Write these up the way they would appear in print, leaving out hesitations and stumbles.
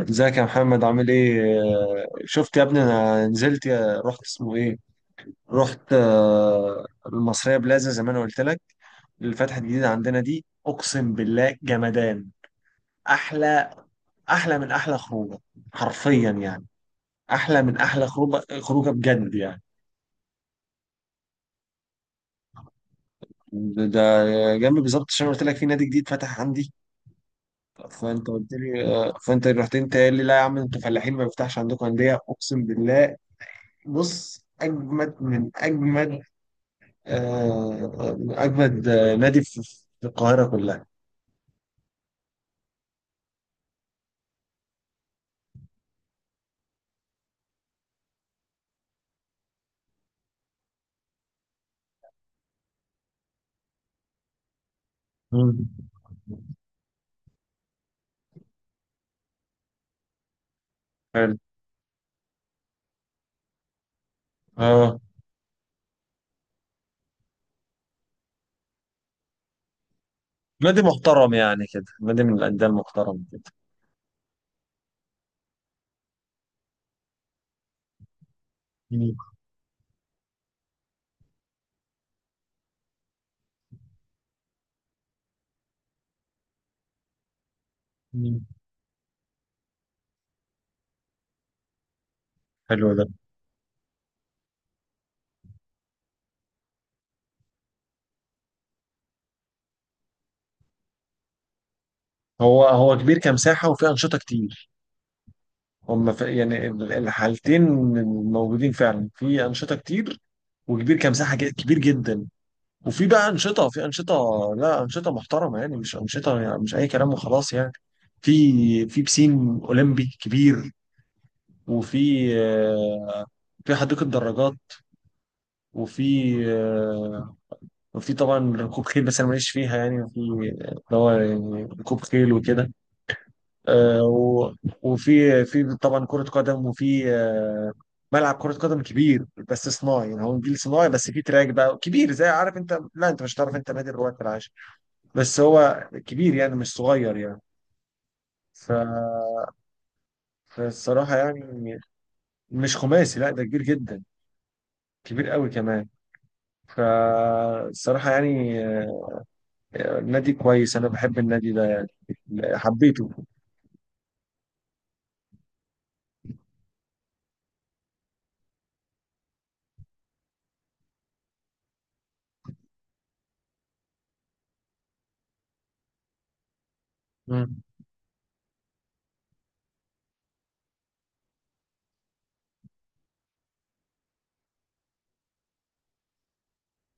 ازيك يا محمد، عامل ايه؟ شفت يا ابني؟ انا نزلت رحت اسمه ايه، رحت آه، المصرية بلازا زي ما انا قلت لك، اللي فتحت جديدة عندنا دي. اقسم بالله جمدان! احلى! احلى من احلى خروجة، حرفيا يعني. احلى من احلى خروجة، خروجة بجد يعني. ده جنب بالظبط، عشان قلت لك في نادي جديد فتح عندي، فانت قلت لي فانت رحت انت قال لي لا يا عم انتوا فلاحين، ما بيفتحش عندكم انديه. اقسم بالله، بص، اجمد من اجمد آه، اجمد نادي في القاهره كلها. مم. حلو. اه، نادي محترم يعني كده، نادي من الانديه المحترمه كده. مم. مم. حلو ده. هو كبير كمساحه وفيه انشطه كتير. هم في يعني الحالتين موجودين فعلا، في انشطه كتير، وكبير كمساحه، كبير جدا. وفي بقى انشطه، في انشطه، لا انشطه محترمه يعني، مش انشطه يعني مش اي كلام وخلاص يعني. في في بسين اولمبي كبير، وفي آه، في حديقة دراجات، وفي آه، طبعا ركوب خيل، بس انا ماليش فيها يعني، وفي اللي هو يعني ركوب خيل وكده، آه، و- وفي طبعا كرة قدم، وفي ملعب كرة قدم كبير، بس صناعي يعني، هو نجيل صناعي، بس فيه تراك بقى كبير، زي، عارف انت؟ لا، انت مش هتعرف، انت نادي الرواد في العاشر، بس هو كبير يعني، مش صغير يعني. ف... فالصراحة يعني، مش خماسي، لا ده كبير جدا، كبير قوي كمان. فالصراحة يعني نادي كويس، أنا بحب النادي ده يعني، حبيته. مم.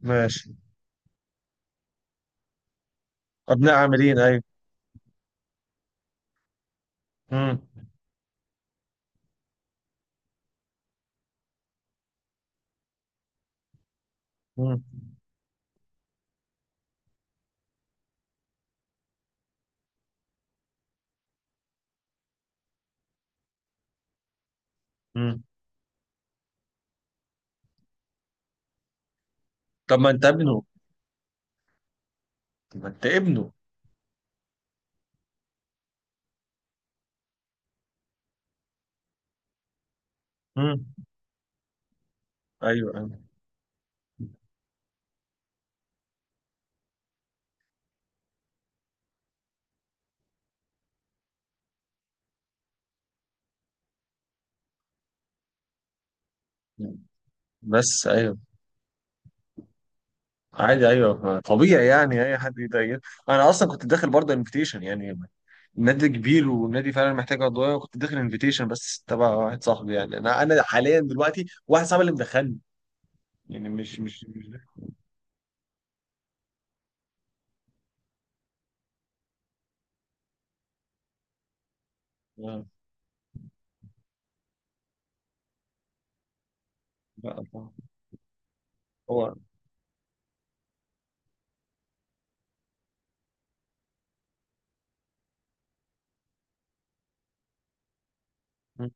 ماشي. أبناء عاملين، أيوة. مم. مم. مم. طب ما أنت ابنه؟ طب ما أنت ابنه؟ مم. أيوه أيوه. بس أيوه، عادي. أيوه، طبيعي يعني، أي حد يضايق. أنا أصلا كنت داخل برضه انفيتيشن يعني، نادي كبير ونادي فعلا محتاج عضوية، كنت داخل انفيتيشن بس تبع واحد صاحبي يعني. أنا حاليا دلوقتي واحد صاحبي اللي مدخلني، يعني مش ده. آه. لا. هو. مم.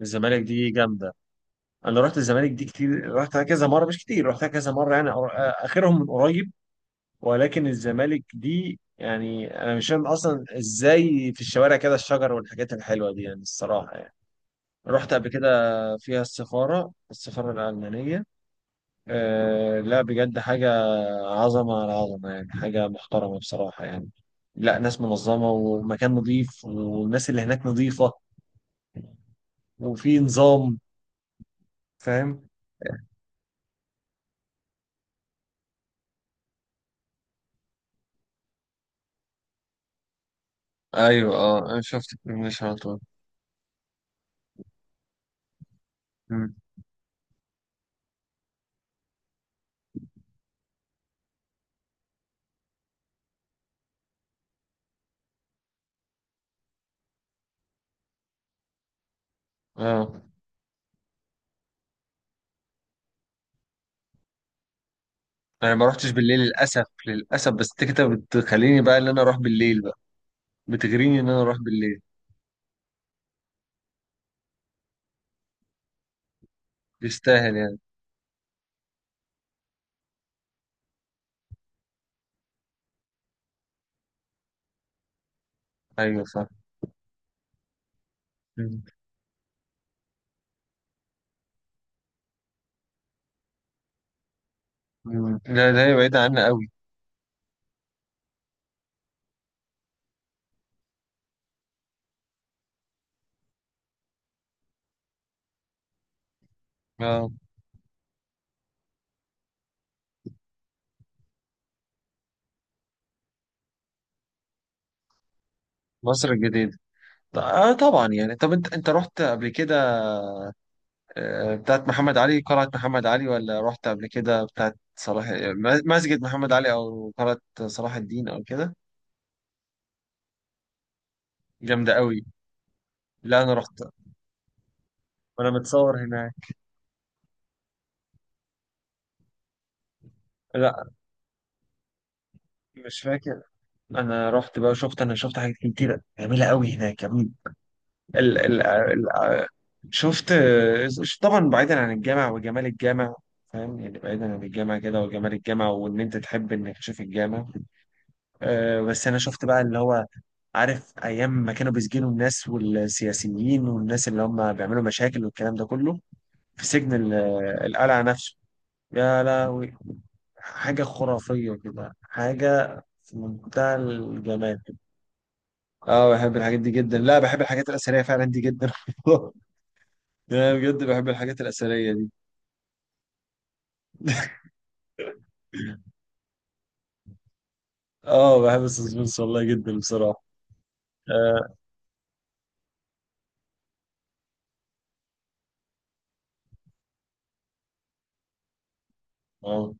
الزمالك دي جامده. انا رحت الزمالك دي كتير، رحتها كذا مره، مش كتير، رحتها كذا مره يعني. اخرهم من قريب. ولكن الزمالك دي يعني، انا مش فاهم اصلا ازاي في الشوارع كده الشجر والحاجات الحلوه دي، يعني الصراحه يعني. رحت قبل كده، فيها السفاره الالمانيه. أه لا، بجد حاجه، عظمه على عظمه يعني، حاجه محترمه بصراحه يعني. لا، ناس منظمه، ومكان نظيف، والناس اللي هناك نظيفه، وفي نظام، فاهم؟ ايوه. اه، انا شفت البرميشن على طول. مم. اه، انا ما رحتش بالليل للاسف، للاسف. بس انت كده بتخليني بقى ان انا اروح بالليل بقى، بتغريني ان انا اروح بالليل، يستاهل يعني. ايوه صح. مم. مم. لا ده هي بعيدة عنا قوي. اه. مصر الجديدة. اه، طبعا يعني، طب انت رحت قبل كده بتاعت محمد علي، قلعة محمد علي، ولا رحت قبل كده بتاعت مسجد محمد علي او قلعة صلاح الدين او كده؟ جامدة قوي. لا انا رحت، وانا متصور هناك. لا مش فاكر. انا رحت بقى، شفت، انا شفت حاجات كتيره جميله قوي هناك كمان. ال ال ال شفت، طبعا بعيدا عن الجامع وجمال الجامع، فاهم يعني، بعيدا عن الجامع كده وجمال الجامع، وان انت تحب انك تشوف الجامع. أه بس انا شفت بقى اللي هو، عارف ايام ما كانوا بيسجنوا الناس والسياسيين والناس اللي هم بيعملوا مشاكل والكلام ده كله، في سجن القلعه نفسه؟ يا لهوي، حاجه خرافيه كده، حاجه في منتهى الجمال. اه بحب الحاجات دي جدا، لا بحب الحاجات الأثرية فعلا دي جدا. يعني بجد بحب الحاجات الأثرية دي. اه بحب السسبنس والله جدا بصراحة. اه. آه.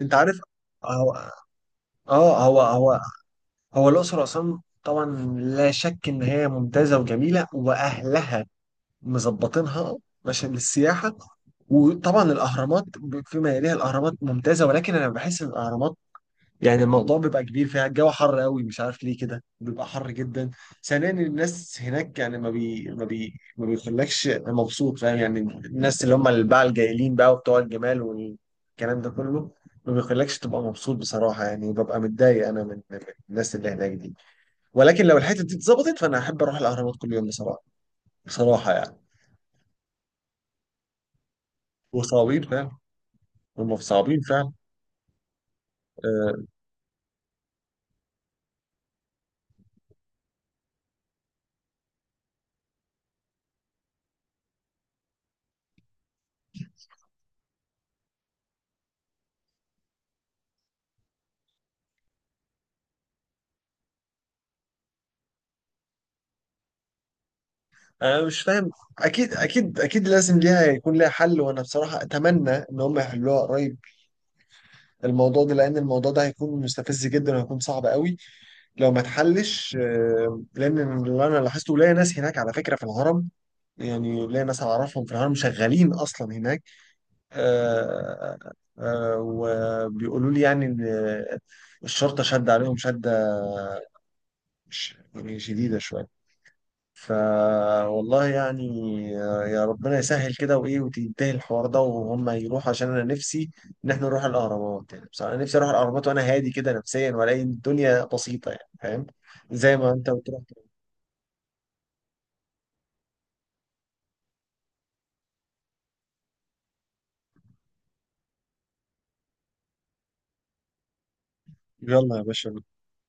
انت عارف؟ هو اه هو هو هو الأقصر وأسوان طبعا، لا شك إن هي ممتازة وجميلة، وأهلها مظبطينها عشان للسياحة. وطبعا الأهرامات، فيما يليها الأهرامات ممتازة، ولكن أنا بحس إن الأهرامات يعني الموضوع بيبقى كبير فيها، الجو حر قوي، مش عارف ليه كده بيبقى حر جدا. ثانيا، الناس هناك يعني ما بيخلكش مبسوط، فاهم يعني، الناس اللي هم الباعة الجايلين بقى وبتوع الجمال والكلام ده كله، ما بيخلكش تبقى مبسوط بصراحة يعني، ببقى متضايق أنا من الناس اللي هناك دي. ولكن لو الحتة دي اتظبطت، فأنا أحب أروح الأهرامات كل يوم، بصراحة. بصراحة يعني. وصعبين فعلا، هم صعبين فعلا. آه، انا مش فاهم. اكيد اكيد اكيد لازم ليها يكون ليها حل، وانا بصراحه اتمنى ان هم يحلوها قريب الموضوع ده، لان الموضوع ده هيكون مستفز جدا وهيكون صعب قوي لو ما اتحلش، لان اللي انا لاحظته، ليا ناس هناك على فكره في الهرم، يعني ليا ناس اعرفهم في الهرم شغالين اصلا هناك، آه، وبيقولوا لي يعني ان الشرطه شد عليهم شده، يعني شديده شويه. ف والله يعني، يا ربنا يسهل كده وايه، وتنتهي الحوار ده وهم يروحوا، عشان انا نفسي ان احنا نروح الاهرامات يعني. بصراحه، انا نفسي اروح الاهرامات وانا هادي كده نفسيا، والاقي الدنيا بسيطه يعني، فاهم؟ زي ما انت بتروح. يلا يا باشا،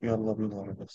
يلا بينا يا رب.